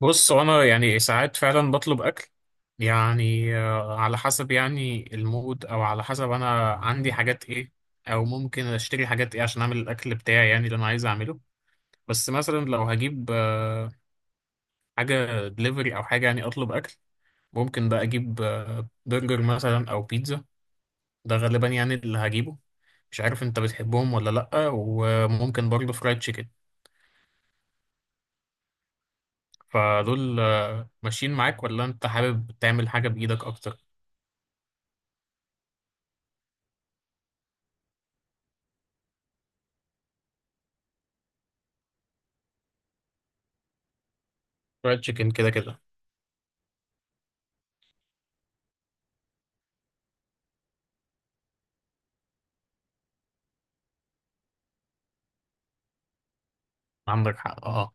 بص، انا يعني ساعات فعلا بطلب اكل. يعني على حسب يعني المود، او على حسب انا عندي حاجات ايه، او ممكن اشتري حاجات ايه عشان اعمل الاكل بتاعي، يعني اللي انا عايز اعمله. بس مثلا لو هجيب حاجة دليفري او حاجة، يعني اطلب اكل، ممكن بقى اجيب برجر مثلا او بيتزا. ده غالبا يعني اللي هجيبه. مش عارف انت بتحبهم ولا لأ، وممكن برضه فرايد تشيكن. فدول ماشيين معاك، ولا انت حابب تعمل حاجة بايدك اكتر؟ فرايد تشيكن كده كده. عندك حق، اه.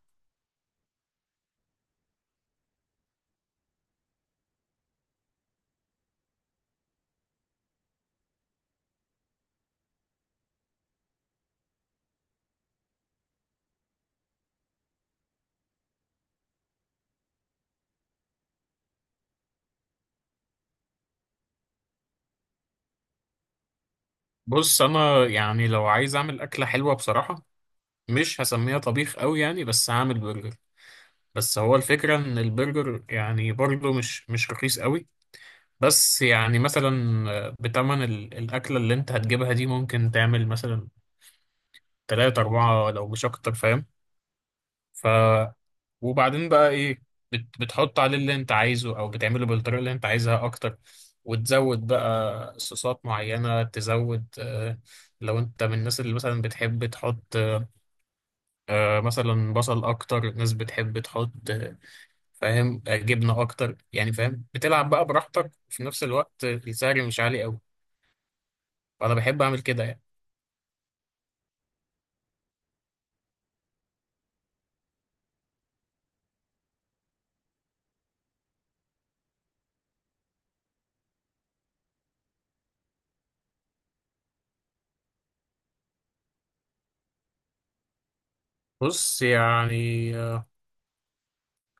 بص، انا يعني لو عايز اعمل اكله حلوه بصراحه، مش هسميها طبيخ قوي يعني، بس هعمل برجر. بس هو الفكره ان البرجر يعني برضه مش رخيص قوي. بس يعني مثلا بتمن الاكله اللي انت هتجيبها دي، ممكن تعمل مثلا تلاتة أربعة لو مش أكتر. فاهم؟ وبعدين بقى ايه، بتحط عليه اللي انت عايزه، او بتعمله بالطريقه اللي انت عايزها اكتر، وتزود بقى صوصات معينه، تزود. لو انت من الناس اللي مثلا بتحب تحط مثلا بصل اكتر، ناس بتحب تحط فاهم، جبنه اكتر، يعني فاهم، بتلعب بقى براحتك، وفي نفس الوقت السعر مش عالي قوي. فانا بحب اعمل كده يعني. بص يعني آه،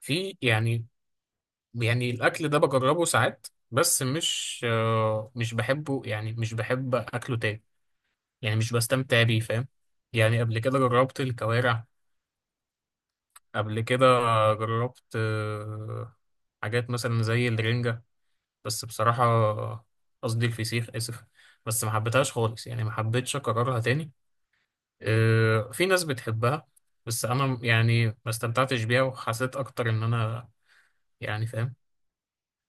في يعني، يعني الاكل ده بجربه ساعات بس مش بحبه، يعني مش بحب اكله تاني. يعني مش بستمتع بيه، فاهم؟ يعني قبل كده جربت الكوارع. قبل كده جربت حاجات مثلا زي الرنجة، بس بصراحة، قصدي الفسيخ، اسف. بس ما حبيتهاش خالص يعني، ما حبيتش اكررها تاني. في ناس بتحبها، بس انا يعني ما استمتعتش بيها، وحسيت اكتر ان انا يعني، فاهم؟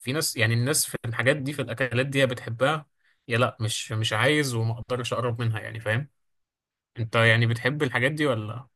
في ناس يعني، الناس في الحاجات دي، في الاكلات دي، يا بتحبها يا لا، مش عايز وما اقدرش اقرب منها، يعني فاهم؟ انت يعني بتحب الحاجات دي ولا؟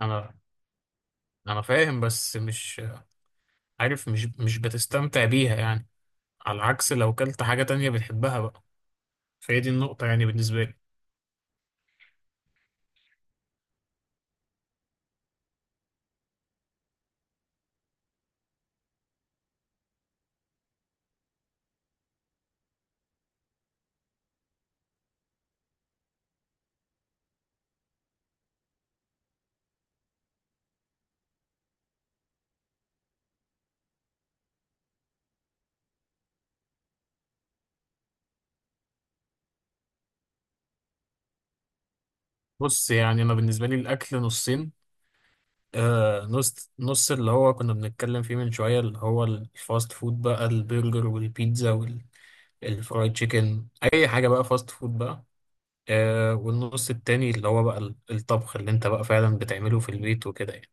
انا انا فاهم، بس مش عارف، مش بتستمتع بيها يعني. على العكس لو كلت حاجة تانية بتحبها بقى. فهي دي النقطة يعني بالنسبة لي. بص يعني انا بالنسبة لي الاكل نصين. نص نص، اللي هو كنا بنتكلم فيه من شوية، اللي هو الفاست فود بقى، البرجر والبيتزا والفرايد تشيكن، اي حاجة بقى فاست فود بقى. والنص التاني، اللي هو بقى الطبخ اللي انت بقى فعلا بتعمله في البيت وكده يعني.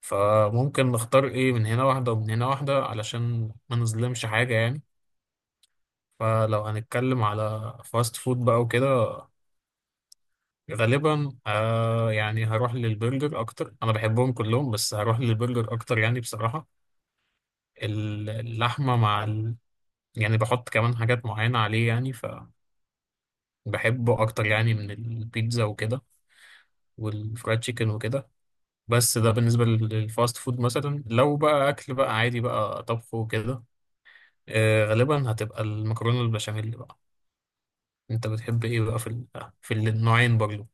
فممكن نختار ايه، من هنا واحدة ومن هنا واحدة، علشان ما نظلمش حاجة يعني. فلو هنتكلم على فاست فود بقى وكده، غالبا يعني هروح للبرجر اكتر. انا بحبهم كلهم، بس هروح للبرجر اكتر يعني بصراحة. اللحمة مع يعني بحط كمان حاجات معينة عليه يعني، فبحبه اكتر يعني من البيتزا وكده، والفرايد تشيكن وكده. بس ده بالنسبة للفاست فود. مثلا لو بقى أكل بقى عادي بقى، طبخ وكده، غالبا هتبقى المكرونة البشاميل بقى. أنت بتحب إيه بقى في في النوعين برضو؟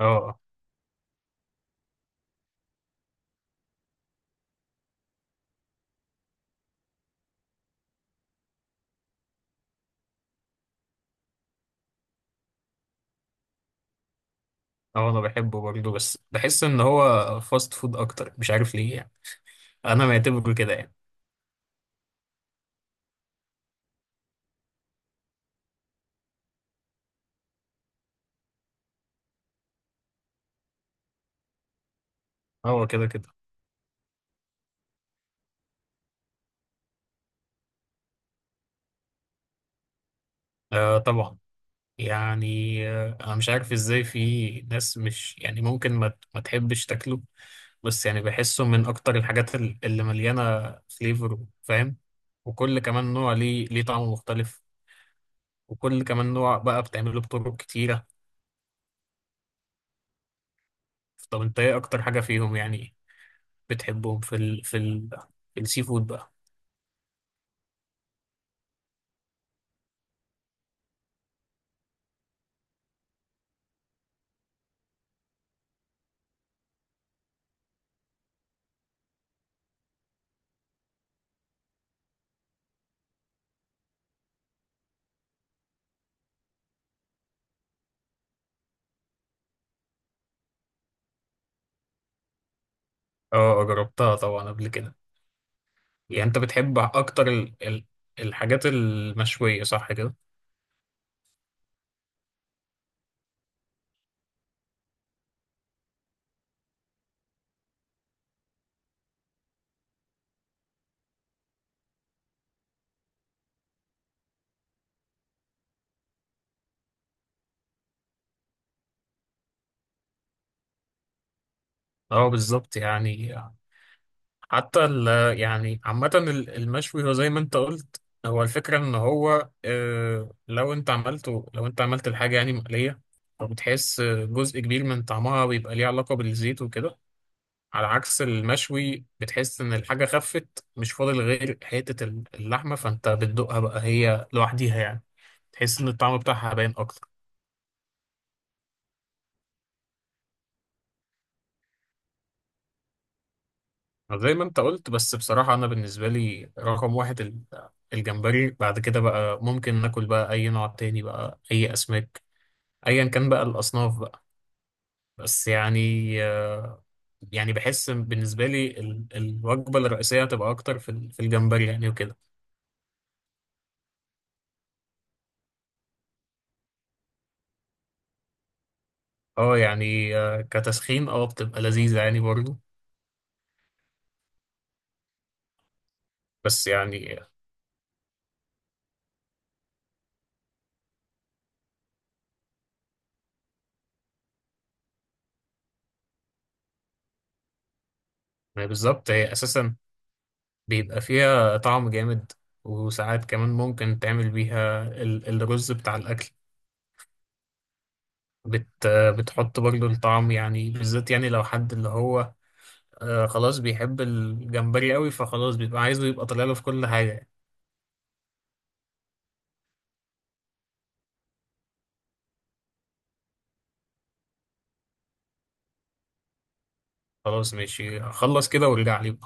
أه. أه، أنا بحبه برضو، بس بحس إن هو فاست فود أكتر، مش عارف ليه يعني. أنا معتبره كده يعني. هو كده كده. آه طبعا. يعني أنا مش عارف إزاي في ناس، مش يعني، ممكن ما تحبش تاكله. بس يعني بحسه من اكتر الحاجات اللي مليانه فليفر، فاهم؟ وكل كمان نوع ليه طعم مختلف، وكل كمان نوع بقى بتعمله بطرق كتيره. طب انت ايه اكتر حاجه فيهم يعني بتحبهم في السي فود بقى؟ اه، جربتها طبعا قبل كده. يعني انت بتحب اكتر ال ال الحاجات المشويه، صح كده؟ اه، بالظبط يعني. حتى ال يعني عامة المشوي، هو زي ما انت قلت، هو الفكرة ان هو لو انت عملت الحاجة يعني مقلية، فبتحس جزء كبير من طعمها بيبقى ليه علاقة بالزيت وكده. على عكس المشوي، بتحس ان الحاجة خفت، مش فاضل غير حتة اللحمة، فانت بتدوقها بقى هي لوحديها يعني. تحس ان الطعم بتاعها باين اكتر. زي ما انت قلت. بس بصراحة انا بالنسبة لي رقم واحد الجمبري. بعد كده بقى ممكن ناكل بقى اي نوع تاني بقى، اي اسماك، ايا كان بقى الاصناف بقى. بس يعني آه، يعني بحس بالنسبة لي الوجبة الرئيسية هتبقى اكتر في في الجمبري يعني وكده. اه يعني كتسخين اه بتبقى لذيذة يعني برضو. بس يعني بالظبط هي اساسا بيبقى فيها طعم جامد، وساعات كمان ممكن تعمل بيها الرز بتاع الاكل. بت بتحط برضو الطعم يعني، بالذات يعني لو حد اللي هو خلاص بيحب الجمبري قوي، فخلاص بيبقى عايزه يبقى طالع له في كل حاجة يعني. خلاص ماشي، خلص كده وارجع لي.